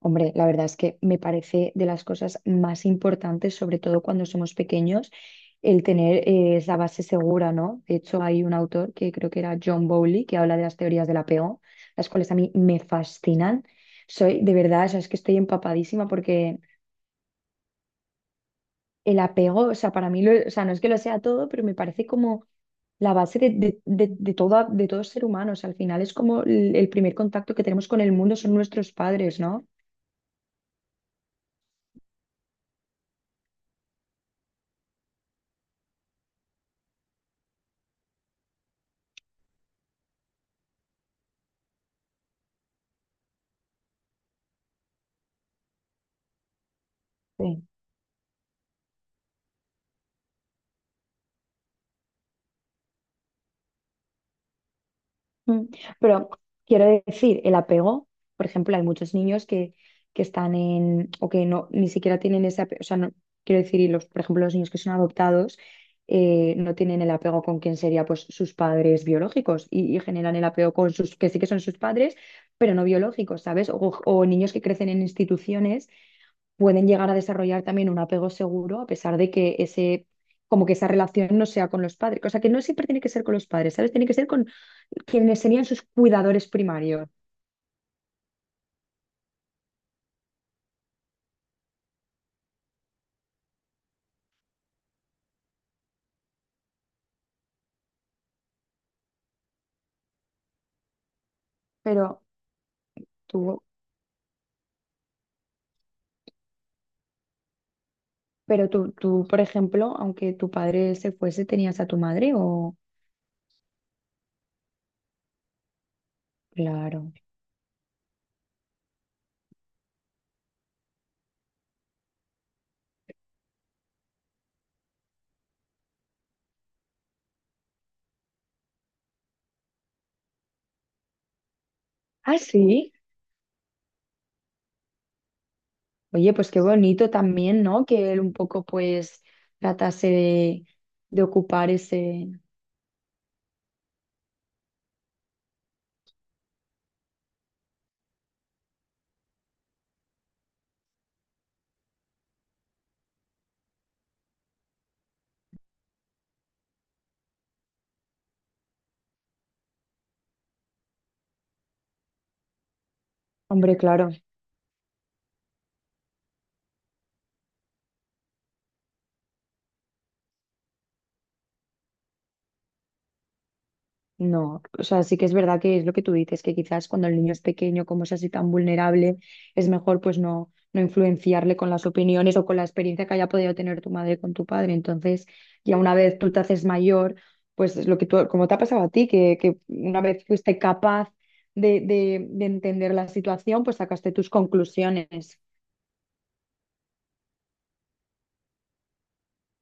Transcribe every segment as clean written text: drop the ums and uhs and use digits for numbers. Hombre, la verdad es que me parece de las cosas más importantes, sobre todo cuando somos pequeños, el tener esa base segura, ¿no? De hecho, hay un autor que creo que era John Bowlby que habla de las teorías del apego, las cuales a mí me fascinan. Soy, de verdad, o sea, es que estoy empapadísima porque el apego, o sea, para mí, o sea, no es que lo sea todo, pero me parece como la base de todo ser humano. O sea, al final es como el primer contacto que tenemos con el mundo son nuestros padres, ¿no? Mm. Pero quiero decir, el apego, por ejemplo, hay muchos niños que están en, o que no, ni siquiera tienen ese apego, o sea, no, quiero decir, y los, por ejemplo, los niños que son adoptados no tienen el apego con quien sería pues sus padres biológicos y generan el apego con sus, que sí que son sus padres, pero no biológicos, ¿sabes? O niños que crecen en instituciones pueden llegar a desarrollar también un apego seguro a pesar de que ese... como que esa relación no sea con los padres, o sea que no siempre tiene que ser con los padres, ¿sabes? Tiene que ser con, quienes serían sus cuidadores primarios. Pero tú, pero tú, por ejemplo, aunque tu padre se fuese, tenías a tu madre o... Claro. Ah, sí. Oye, pues qué bonito también, ¿no? Que él un poco pues tratase de ocupar ese... Hombre, claro. No, o sea, sí que es verdad que es lo que tú dices, que quizás cuando el niño es pequeño, como es así tan vulnerable, es mejor pues no, no influenciarle con las opiniones o con la experiencia que haya podido tener tu madre con tu padre. Entonces, ya una vez tú te haces mayor, pues es lo que tú, como te ha pasado a ti, que una vez fuiste capaz de entender la situación, pues sacaste tus conclusiones.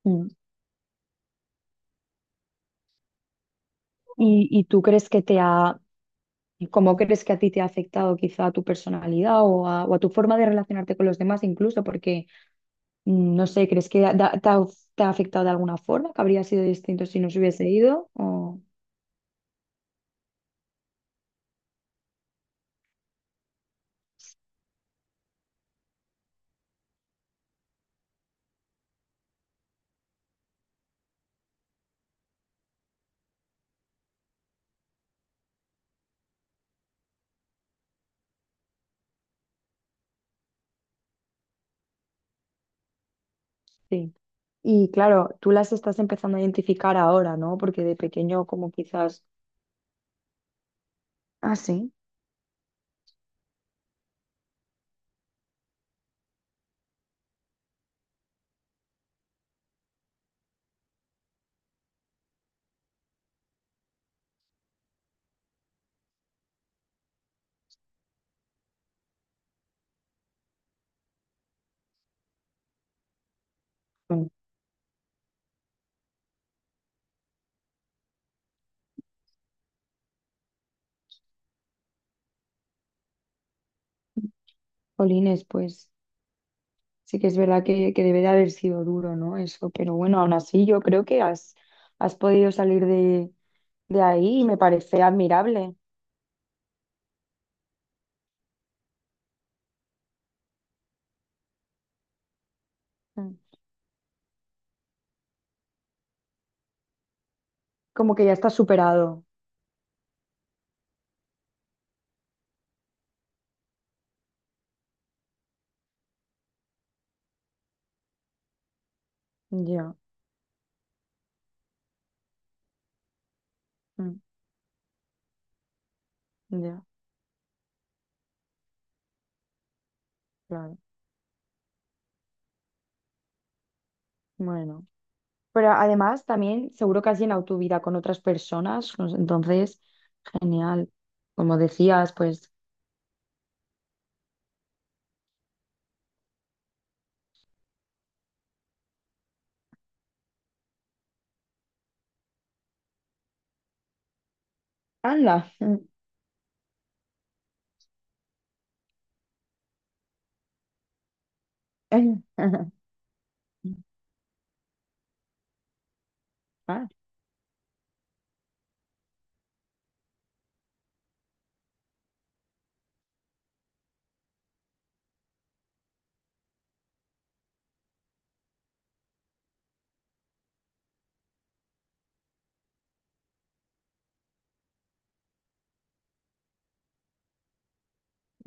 Mm. ¿Y tú crees cómo crees que a ti te ha afectado quizá a tu personalidad o a tu forma de relacionarte con los demás incluso? No sé, ¿crees que te ha afectado de alguna forma? ¿Que habría sido distinto si no se hubiese ido? O... Sí. Y claro, tú las estás empezando a identificar ahora, ¿no? Porque de pequeño como quizás... Ah, sí. Bueno. Jolines, pues sí que es verdad que debe de haber sido duro, ¿no? Eso, pero bueno, aún así yo creo que has podido salir de ahí y me parece admirable. Mm. Como que ya estás superado. Ya, mm, ya, claro. Bueno. Pero además también seguro que has llenado tu vida con otras personas, pues, entonces, genial. Como decías, pues, anda. Ah,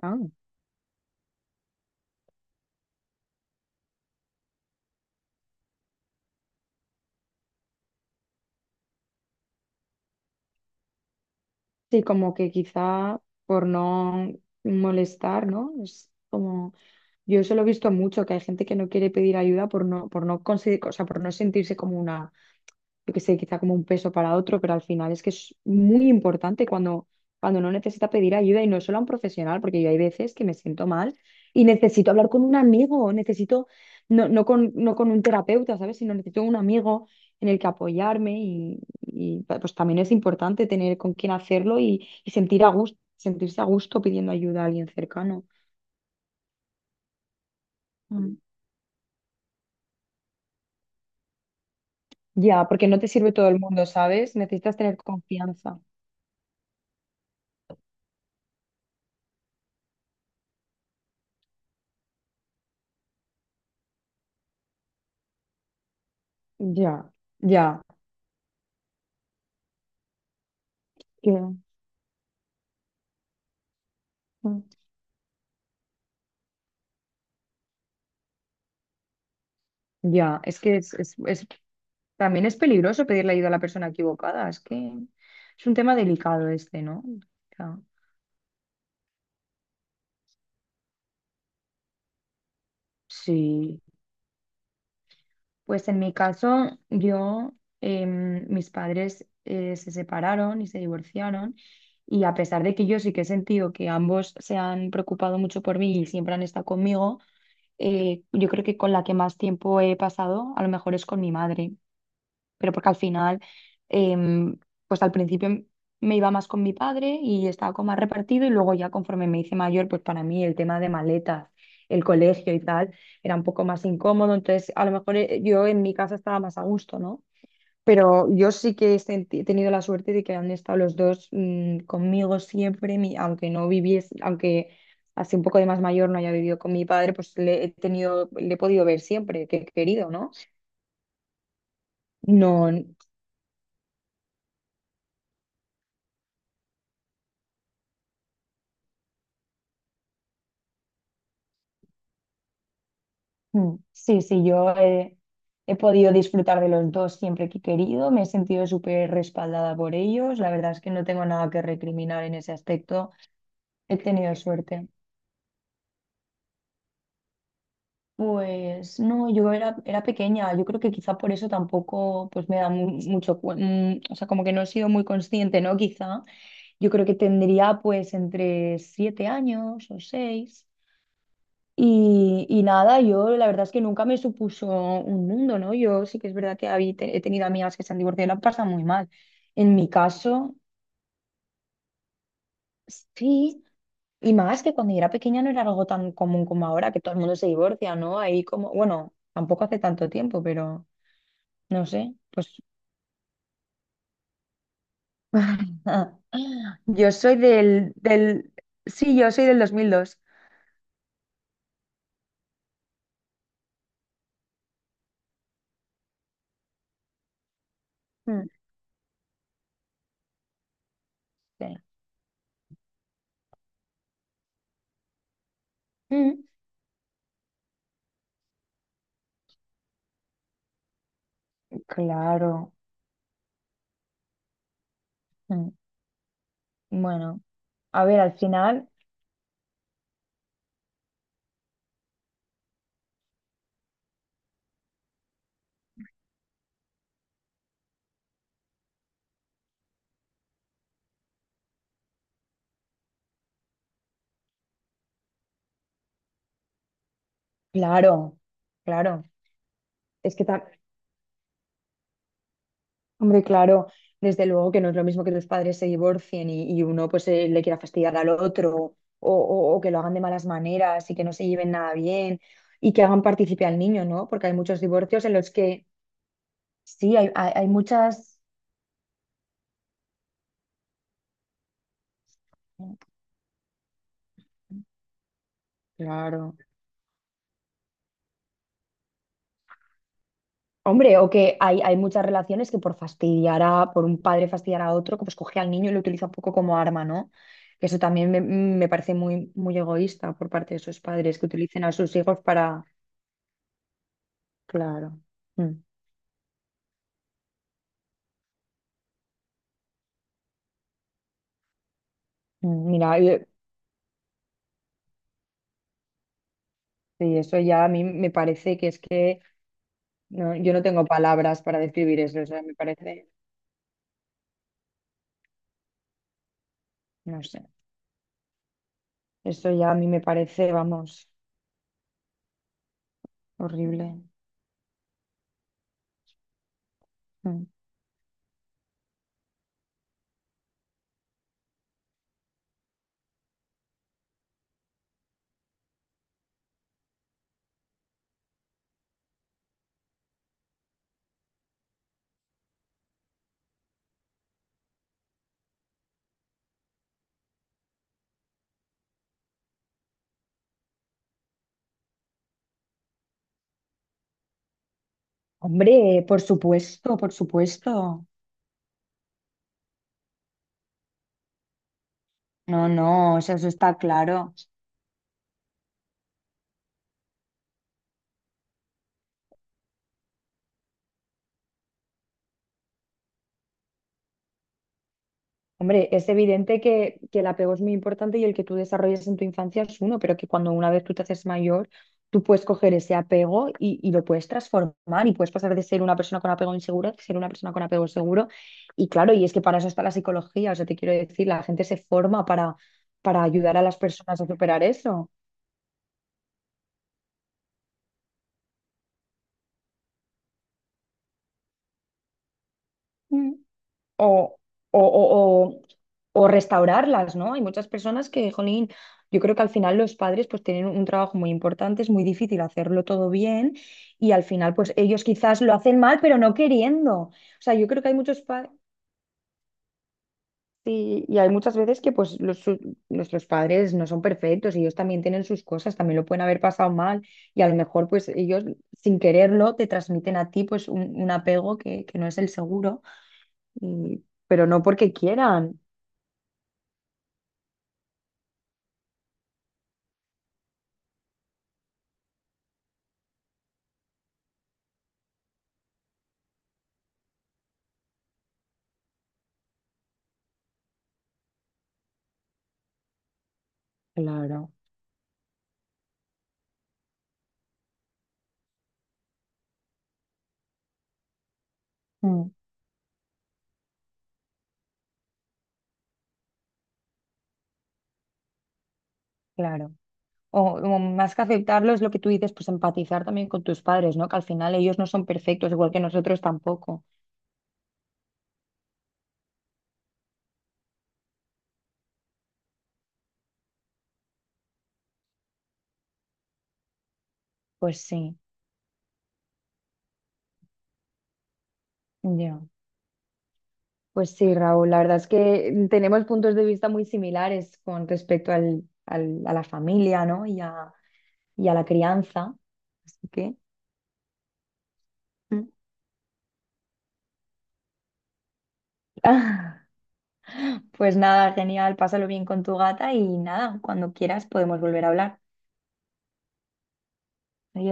ah. Sí, como que quizá por no molestar, ¿no? Es como, yo eso lo he visto mucho, que hay gente que no quiere pedir ayuda por no conseguir, o sea, por no sentirse como una yo que sé, quizá como un peso para otro, pero al final es que es muy importante cuando, uno necesita pedir ayuda y no solo a un profesional, porque yo hay veces que me siento mal y necesito hablar con un amigo, necesito, no, no con un terapeuta, ¿sabes? Sino necesito un amigo en el que apoyarme pues también es importante tener con quién hacerlo y sentir a gusto, sentirse a gusto pidiendo ayuda a alguien cercano. Mm. Ya, porque no te sirve todo el mundo, ¿sabes? Necesitas tener confianza. Ya, ya. Que- Ya, es que también es peligroso pedirle ayuda a la persona equivocada. Es que es un tema delicado este, ¿no? O sea, sí. Pues en mi caso, yo, mis padres se separaron y se divorciaron. Y a pesar de que yo sí que he sentido que ambos se han preocupado mucho por mí y siempre han estado conmigo, yo creo que con la que más tiempo he pasado, a lo mejor es con mi madre. Pero porque al final, em, pues al principio me iba más con mi padre y estaba como más repartido y luego ya conforme me hice mayor, pues para mí el tema de maletas, el colegio y tal, era un poco más incómodo, entonces a lo mejor yo en mi casa estaba más a gusto, ¿no? Pero yo sí que he tenido la suerte de que han estado los dos conmigo siempre, mi- aunque no viviese, aunque así un poco de más mayor no haya vivido con mi padre, pues le he tenido, le he podido ver siempre que he querido, ¿no? No, Mm, Sí, sí, yo he podido disfrutar de los dos siempre que he querido, me he sentido súper respaldada por ellos, la verdad es que no tengo nada que recriminar en ese aspecto, he tenido suerte. Pues no, yo era, era pequeña, yo creo que quizá por eso tampoco pues me da mucho, o sea, como que no he sido muy consciente, ¿no? Quizá yo creo que tendría pues entre 7 años o 6. Y nada, yo la verdad es que nunca me supuso un mundo, ¿no? Yo sí que es verdad que he tenido amigas que se han divorciado y lo han pasado muy mal. En mi caso, sí, y más que cuando yo era pequeña no era algo tan común como ahora, que todo el mundo se divorcia, ¿no? Ahí como, bueno, tampoco hace tanto tiempo, pero no sé, pues yo soy del, del, sí, yo soy del 2002. Mm, sí. Mm. Claro. Mm. Bueno, a ver, al final... Claro, claro. Es que, ta- hombre, claro, desde luego que no es lo mismo que tus padres se divorcien y uno pues le quiera fastidiar al otro o que lo hagan de malas maneras y que no se lleven nada bien y que hagan partícipe al niño, ¿no? Porque hay muchos divorcios en los que sí, hay muchas... Claro. Hombre, o que hay muchas relaciones que por fastidiar a, por un padre fastidiar a otro, que pues coge al niño y lo utiliza un poco como arma, ¿no? Que eso también me parece muy, muy egoísta por parte de esos padres que utilicen a sus hijos para... Claro. Mm, mm, Mira, y eso ya a mí me parece que es que no, yo no tengo palabras para describir eso, o sea, me parece, no sé, eso ya a mí me parece, vamos, horrible. Mm. Hombre, por supuesto, por supuesto. No, no, o sea, eso está claro. Hombre, es evidente que el apego es muy importante y el que tú desarrolles en tu infancia es uno, pero que cuando una vez tú te haces mayor, tú puedes coger ese apego y lo puedes transformar y puedes pasar de ser una persona con apego inseguro a ser una persona con apego seguro. Y claro, y es que para eso está la psicología, o sea, te quiero decir, la gente se forma para ayudar a las personas a superar eso. Mm. o, o, o- o- o restaurarlas, ¿no? Hay muchas personas que, jolín, yo creo que al final los padres pues tienen un trabajo muy importante, es muy difícil hacerlo todo bien y al final pues ellos quizás lo hacen mal, pero no queriendo. O sea, yo creo que hay muchos padres... y hay muchas veces que pues nuestros padres no son perfectos, ellos también tienen sus cosas, también lo pueden haber pasado mal y a lo mejor pues ellos sin quererlo te transmiten a ti pues un apego que no es el seguro, y- pero no porque quieran. Claro, mm, claro. O, o más que aceptarlo es lo que tú dices, pues empatizar también con tus padres, ¿no? Que al final ellos no son perfectos, igual que nosotros tampoco. Pues sí, ya. Pues sí, Raúl, la verdad es que tenemos puntos de vista muy similares con respecto al, al- a la familia, ¿no? Y a la crianza. Así que... Mm. Pues nada, genial, pásalo bien con tu gata y nada, cuando quieras podemos volver a hablar.